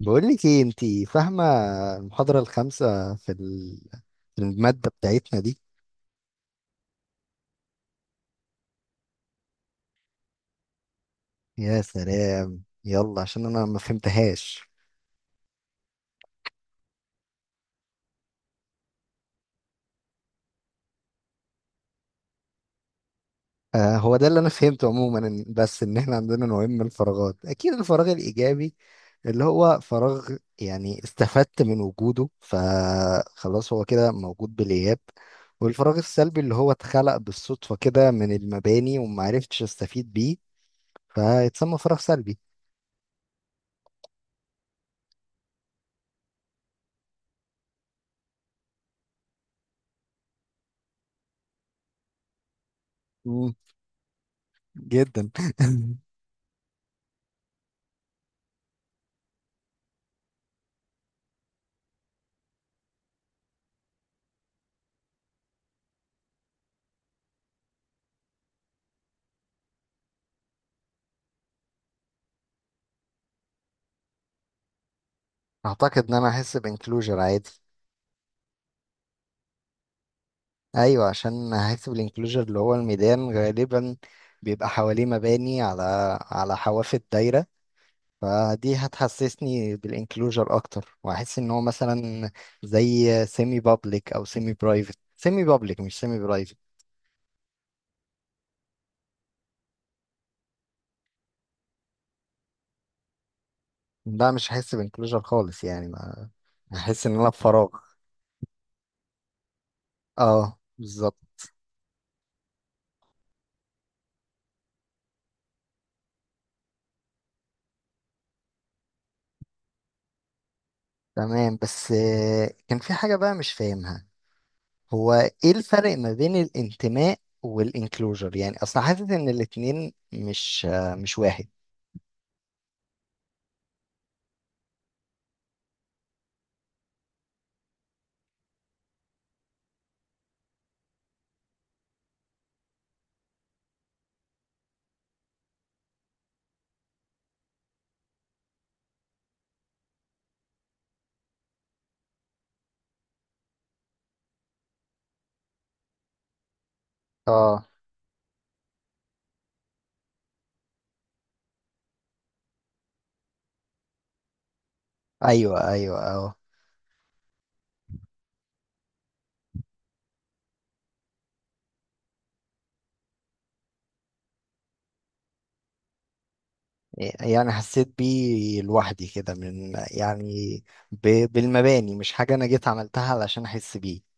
بقول لك ايه انت؟ فاهمه المحاضره الخامسه في في الماده بتاعتنا دي؟ يا سلام، يلا عشان انا ما فهمتهاش. آه، هو ده اللي انا فهمته عموما. بس ان احنا عندنا نوعين من الفراغات. اكيد الفراغ الايجابي اللي هو فراغ، يعني استفدت من وجوده فخلاص هو كده موجود بالاياب. والفراغ السلبي اللي هو اتخلق بالصدفه كده من المباني وما عرفتش استفيد بيه، فيتسمى فراغ سلبي. مم، جدا. اعتقد ان انا هحس بانكلوجر عادي. ايوه، عشان هحس بالانكلوجر، اللي هو الميدان غالبا بيبقى حواليه مباني على حواف الدايره. فدي هتحسسني بالانكلوجر اكتر، وهحس ان هو مثلا زي سيمي بابليك او سيمي برايفت. سيمي بابليك، مش سيمي برايفت. لا، مش هحس بانكلوجر خالص، يعني ما. هحس ان انا في فراغ. اه، بالظبط. تمام، بس كان في حاجه بقى مش فاهمها. هو ايه الفرق ما بين الانتماء والانكلوجر؟ يعني اصلا حاسس ان الاتنين مش واحد. اه. ايوه، ايوه، اه. يعني حسيت بيه لوحدي كده من يعني، بالمباني، مش حاجة انا جيت عملتها علشان احس بيه.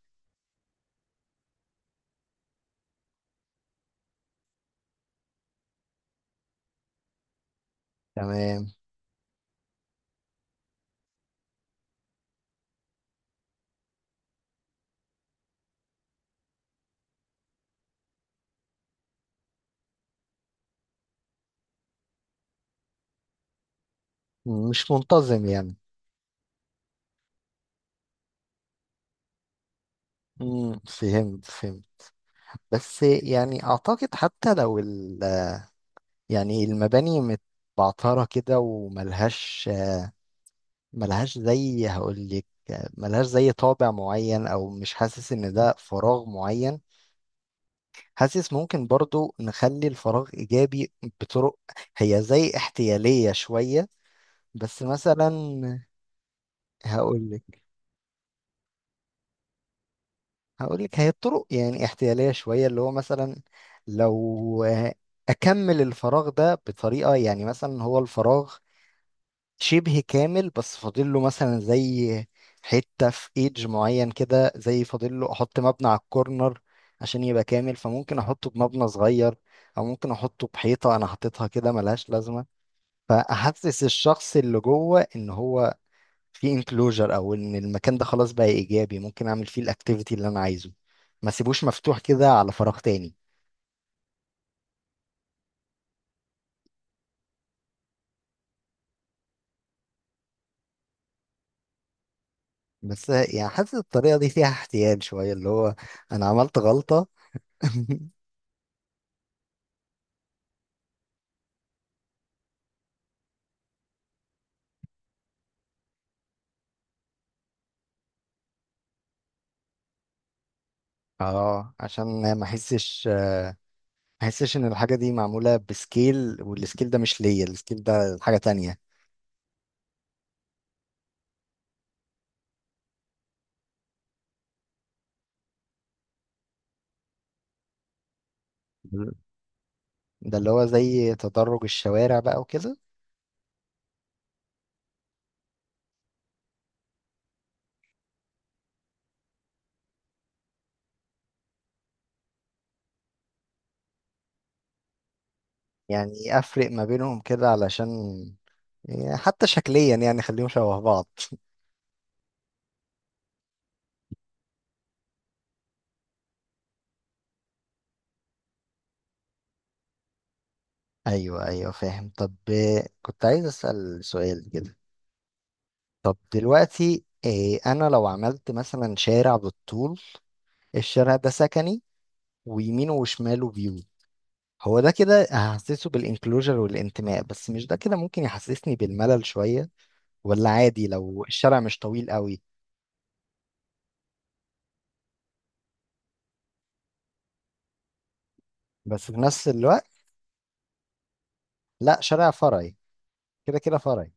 تمام. مش منتظم يعني. فهمت، فهمت. بس يعني اعتقد حتى لو ال، يعني المباني متبعترة كده وملهاش، ملهاش زي هقولك، ملهاش زي طابع معين، او مش حاسس ان ده فراغ معين. حاسس ممكن برضو نخلي الفراغ ايجابي بطرق، هي زي احتيالية شوية، بس مثلا هقولك هقولك، هي الطرق يعني احتيالية شوية، اللي هو مثلا لو اكمل الفراغ ده بطريقة، يعني مثلا هو الفراغ شبه كامل، بس فاضل له مثلا زي حتة في ايدج معين كده، زي فاضل له احط مبنى على الكورنر عشان يبقى كامل، فممكن احطه بمبنى صغير، او ممكن احطه بحيطة انا حاططها كده ملهاش لازمة، فاحسس الشخص اللي جوه ان هو في انكلوجر، او ان المكان ده خلاص بقى ايجابي، ممكن اعمل فيه الاكتيفيتي اللي انا عايزه، ما سيبوش مفتوح كده على فراغ تاني. بس يعني حاسس الطريقة دي فيها احتيال شوية، اللي هو انا عملت غلطة. اه، عشان ما احسش ان الحاجه دي معموله بسكيل، والسكيل ده مش ليا، السكيل ده حاجه تانية. ده اللي هو زي تدرج الشوارع بقى وكده. يعني افرق ما بينهم كده، علشان يعني حتى شكليا يعني خليهم شبه بعض. ايوه، ايوه، فاهم. طب كنت عايز اسال سؤال كده. طب دلوقتي انا لو عملت مثلا شارع بالطول، الشارع ده سكني، ويمينه وشماله هو ده كده هحسسه بالانكلوجر والانتماء، بس مش ده كده ممكن يحسسني بالملل شوية؟ ولا عادي لو الشارع مش طويل قوي؟ بس في نفس الوقت. لا، شارع فرعي. كده كده فرعي.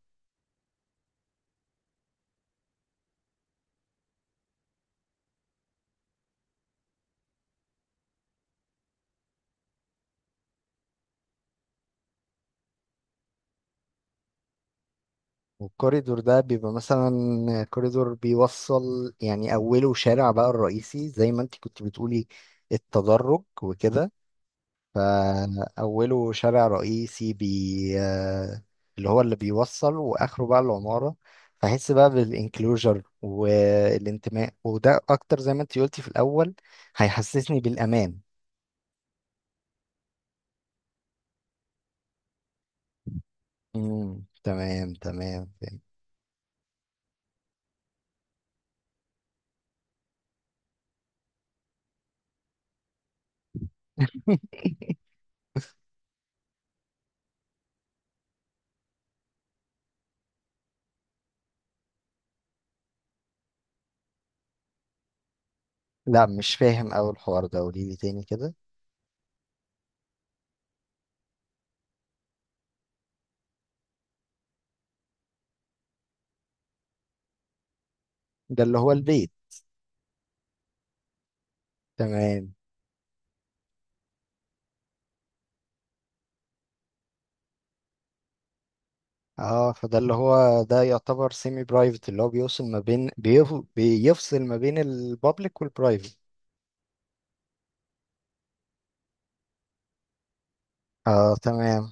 والكوريدور ده بيبقى مثلا كوريدور بيوصل، يعني أوله شارع بقى الرئيسي، زي ما انت كنت بتقولي التدرج وكده. فأوله شارع رئيسي، بي آه، اللي هو اللي بيوصل، وآخره بقى العمارة. فأحس بقى بالإنكلوجر والانتماء، وده أكتر زي ما أنت قلتي في الأول، هيحسسني بالأمان. تمام، تمام، فهمت. لا، مش فاهم أوي الحوار ده، قوليلي تاني كده. ده اللي هو البيت. تمام. اه، فده اللي هو ده يعتبر سيمي برايفت، اللي هو بيوصل ما بين بيفصل ما بين البابليك والبرايفت. اه، تمام.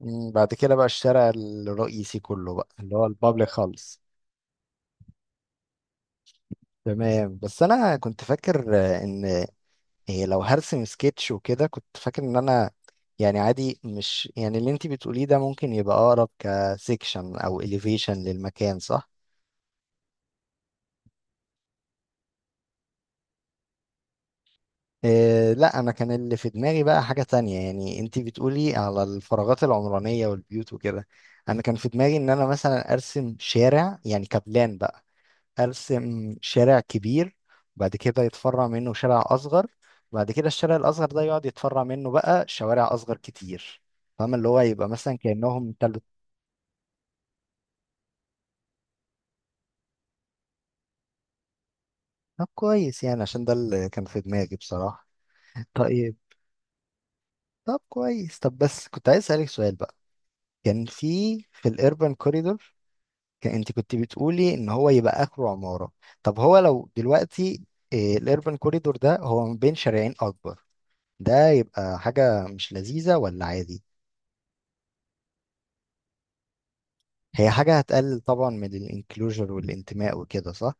مم، بعد كده بقى الشارع الرئيسي كله بقى اللي هو البابليك خالص. تمام، بس انا كنت فاكر ان إيه، لو هرسم سكتش وكده كنت فاكر ان انا يعني عادي، مش يعني اللي انتي بتقوليه ده ممكن يبقى اقرب كسيكشن او اليفيشن للمكان، صح؟ إيه، لا، انا كان اللي في دماغي بقى حاجة تانية. يعني انتي بتقولي على الفراغات العمرانية والبيوت وكده، انا كان في دماغي ان انا مثلا ارسم شارع، يعني كبلان بقى، ارسم شارع كبير، بعد كده يتفرع منه شارع اصغر، بعد كده الشارع الاصغر ده يقعد يتفرع منه بقى شوارع اصغر كتير. فاهم، اللي هو يبقى مثلا كانهم تلت. طب كويس، يعني عشان ده اللي كان في دماغي بصراحة. طيب. طب كويس، طب بس كنت عايز اسالك سؤال بقى. كان في الاربن كوريدور، كان انت كنت بتقولي ان هو يبقى اخره عمارة. طب هو لو دلوقتي الاربن كوريدور ده هو ما بين شارعين اكبر، ده يبقى حاجة مش لذيذة، ولا عادي؟ هي حاجة هتقلل طبعا من الانكلوجر والانتماء وكده، صح؟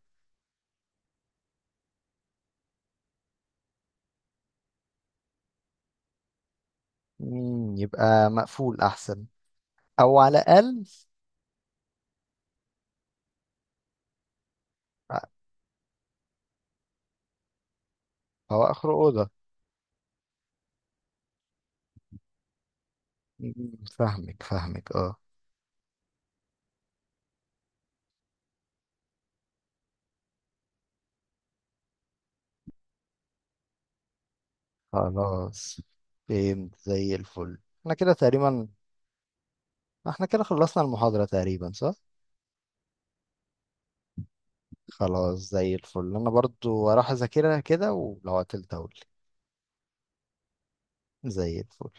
مم، يبقى مقفول أحسن. أو على الأقل، هو آخر أوضة. مم، فاهمك، فاهمك، اه. خلاص، فهمت زي الفل، احنا كده تقريبا. احنا كده خلصنا المحاضرة تقريبا، صح؟ خلاص، زي الفل، أنا برضو هروح أذاكرها كده، ولو عطلت أقول. زي الفل.